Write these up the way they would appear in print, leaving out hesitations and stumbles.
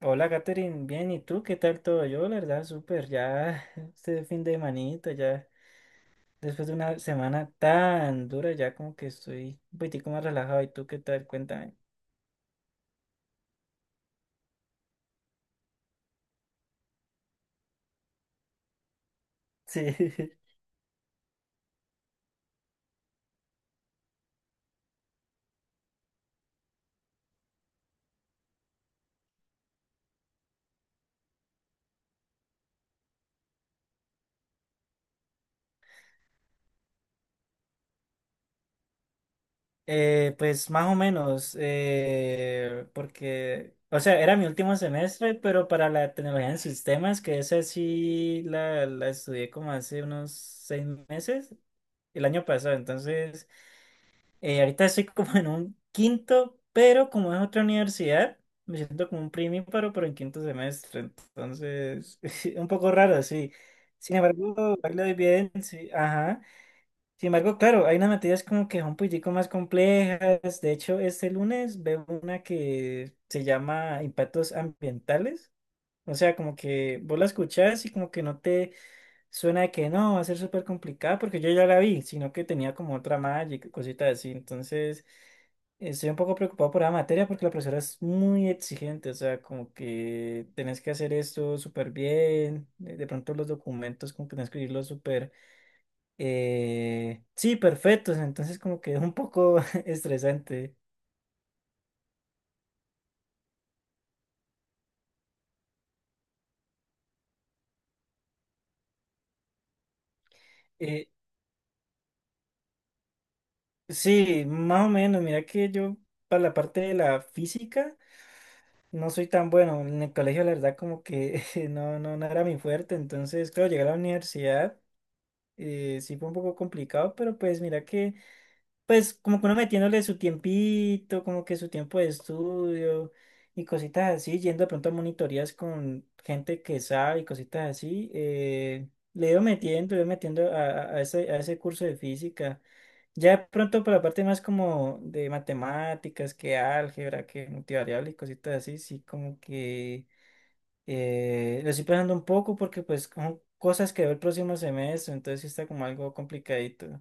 Hola, Katherine, bien, ¿y tú qué tal todo? Yo, la verdad, súper, ya este fin de manito, ya después de una semana tan dura, ya como que estoy un poquitico más relajado. ¿Y tú qué tal? Cuéntame. Sí, pues más o menos, porque, o sea, era mi último semestre, pero para la tecnología en sistemas, que esa sí la estudié como hace unos 6 meses, el año pasado, entonces. Ahorita estoy como en un quinto, pero como es otra universidad, me siento como un primíparo, pero en quinto semestre. Entonces, un poco raro, sí. Sin embargo, ahí le doy bien, sí. Ajá. Sin embargo, claro, hay unas materias como que son un poquitico más complejas. De hecho, este lunes veo una que se llama impactos ambientales. O sea, como que vos la escuchás y como que no te suena que no, va a ser súper complicada porque yo ya la vi, sino que tenía como otra malla y cositas así. Entonces, estoy un poco preocupado por la materia porque la profesora es muy exigente, o sea, como que tenés que hacer esto súper bien, de pronto los documentos como que tenés que escribirlos súper, sí, perfectos, entonces como que es un poco estresante. Eh, sí, más o menos, mira que yo para la parte de la física. No soy tan bueno. En el colegio, la verdad, como que no era mi fuerte. Entonces, claro, llegué a la universidad, sí fue un poco complicado, pero pues mira que, pues como que uno metiéndole su tiempito, como que su tiempo de estudio y cositas así, yendo de pronto a monitorías con gente que sabe y cositas así, le iba metiendo, le iba metiendo a ese, a ese curso de física. Ya de pronto por la parte más como de matemáticas, que álgebra, que multivariable y cositas así, sí como que lo estoy pensando un poco porque pues son cosas que veo el próximo semestre, entonces sí está como algo complicadito.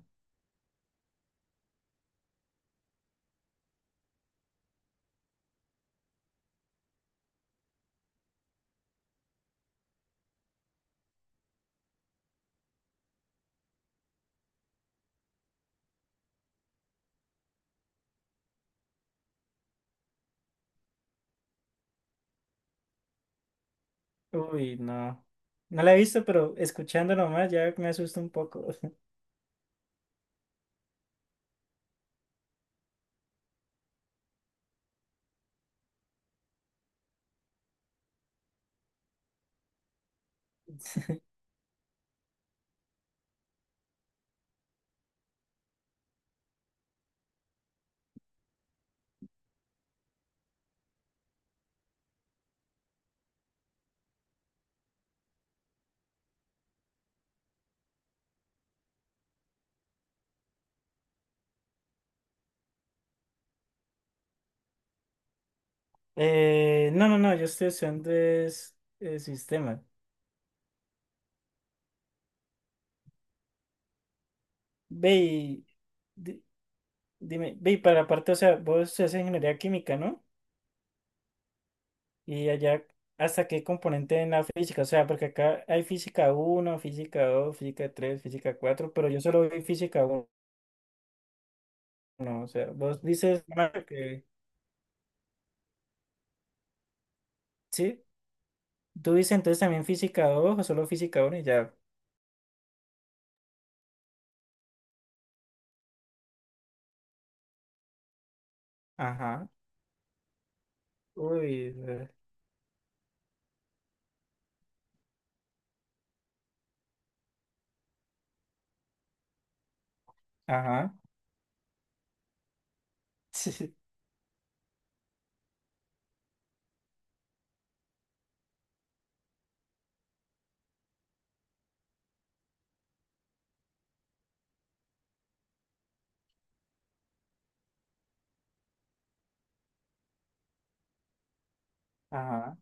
Uy, no. No la he visto, pero escuchando nomás ya me asusta un poco. No, yo estoy usando es, sistema. Ve y di- dime, ve y para la parte, o sea, vos haces ingeniería química, ¿no? Y allá, ¿hasta qué componente en la física? O sea, porque acá hay física uno, física dos, física tres, física cuatro, pero yo solo vi física uno. O sea, vos dices, Mario, que sí, tú dices entonces también física 2 o solo física uno y ya. Ajá. Uy, ajá. Sí, ajá.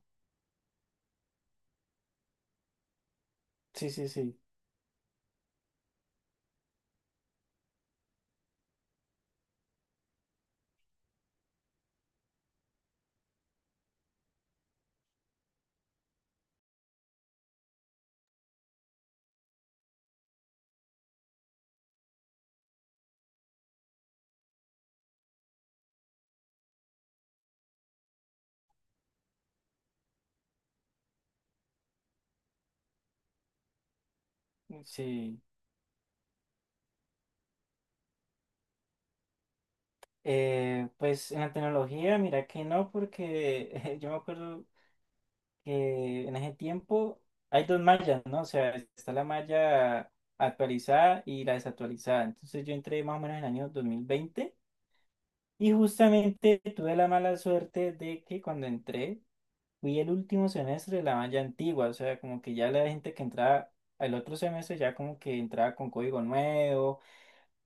Sí, sí, sí. Sí. Pues en la tecnología, mira que no, porque yo me acuerdo que en ese tiempo hay dos mallas, ¿no? O sea, está la malla actualizada y la desactualizada. Entonces yo entré más o menos en el año 2020 y justamente tuve la mala suerte de que cuando entré fui el último semestre de la malla antigua, o sea, como que ya la gente que entraba al otro semestre ya como que entraba con código nuevo,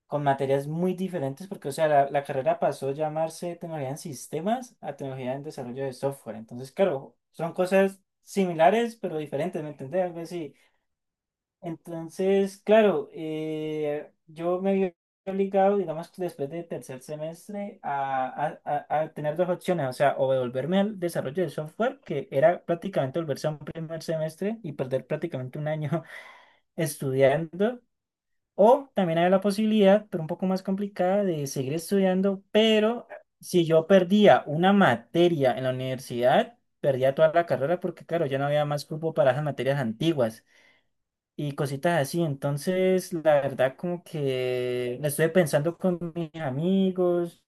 con materias muy diferentes, porque, o sea, la carrera pasó a llamarse tecnología en sistemas a tecnología en desarrollo de software. Entonces, claro, son cosas similares, pero diferentes, ¿me entendés? Algo así. Entonces, claro, yo me vi obligado, digamos, que después de tercer semestre, a tener dos opciones, o sea, o devolverme al desarrollo de software, que era prácticamente volverse a un primer semestre y perder prácticamente un año estudiando, o también hay la posibilidad, pero un poco más complicada, de seguir estudiando, pero si yo perdía una materia en la universidad, perdía toda la carrera porque, claro, ya no había más cupo para esas materias antiguas y cositas así. Entonces, la verdad, como que la estuve pensando con mis amigos.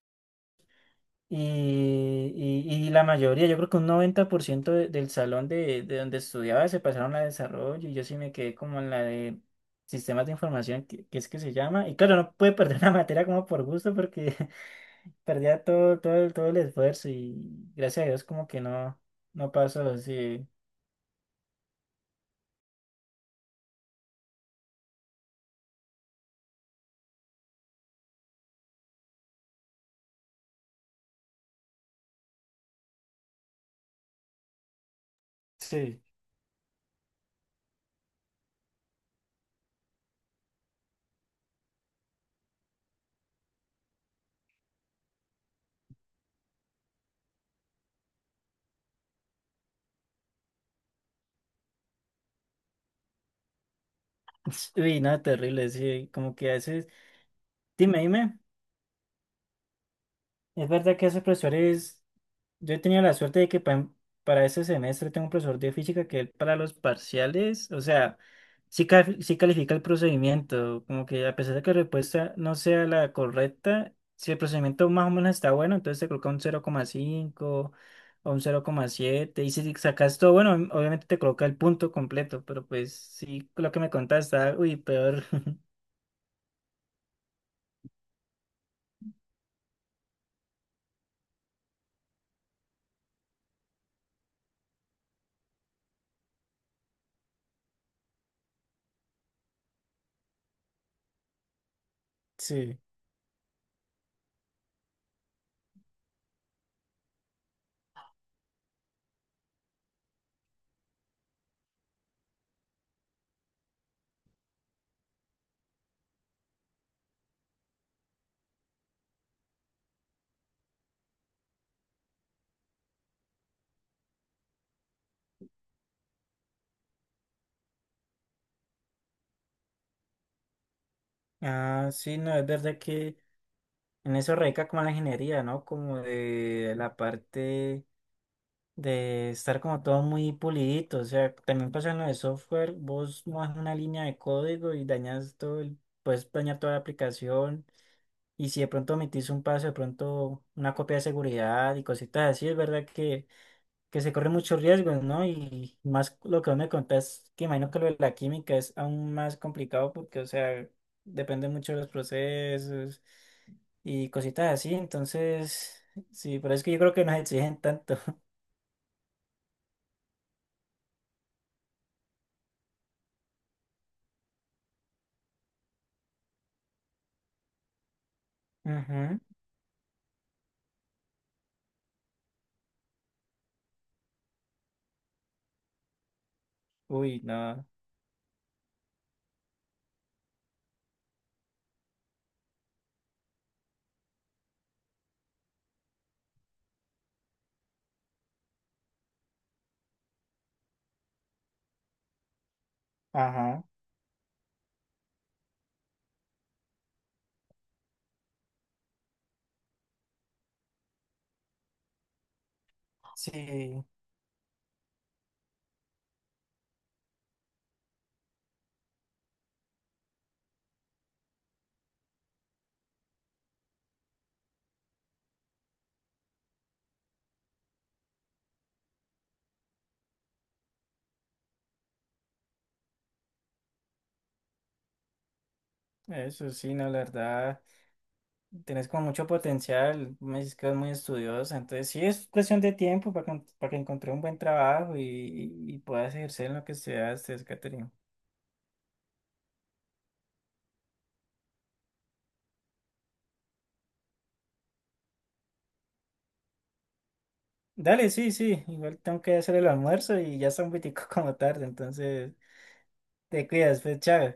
Y, y la mayoría, yo creo que un 90% del salón de donde estudiaba se pasaron a desarrollo y yo sí me quedé como en la de sistemas de información, que es que se llama. Y claro, no pude perder la materia como por gusto porque perdía todo, todo, todo el esfuerzo y gracias a Dios como que no, no pasó, sí. Sí. Uy, no, terrible, sí, como que a veces, dime, ¿es verdad que esos profesores... Yo he tenido la suerte de que para este semestre tengo un profesor de física que él para los parciales, o sea, sí, sí califica el procedimiento, como que a pesar de que la respuesta no sea la correcta, si el procedimiento más o menos está bueno, entonces te coloca un cero coma cinco o un cero coma siete y si sacas todo bueno, obviamente te coloca el punto completo, pero pues sí, lo que me contaste está, uy, peor. Sí, ah, sí, no, es verdad que en eso radica como la ingeniería, ¿no? Como de la parte de estar como todo muy pulidito. O sea, también pasa en lo de software, vos mojas una línea de código y dañas todo el, puedes dañar toda la aplicación. Y si de pronto omitís un paso, de pronto una copia de seguridad y cositas así, es verdad que se corren muchos riesgos, ¿no? Y más lo que vos me contás, que imagino que lo de la química es aún más complicado porque, o sea, depende mucho de los procesos y cositas así. Entonces, sí, pero es que yo creo que nos exigen tanto. Ujú. Uy, no. Ajá. Sí, eso sí, no, la verdad, tenés como mucho potencial, me dices que es muy estudiosa, entonces sí es cuestión de tiempo para, para que encontré un buen trabajo y, y puedas ejercer en lo que estudiaste, Catherine. Dale, sí, sí, igual tengo que hacer el almuerzo y ya está un poquitico como tarde, entonces te cuidas, pues, chao.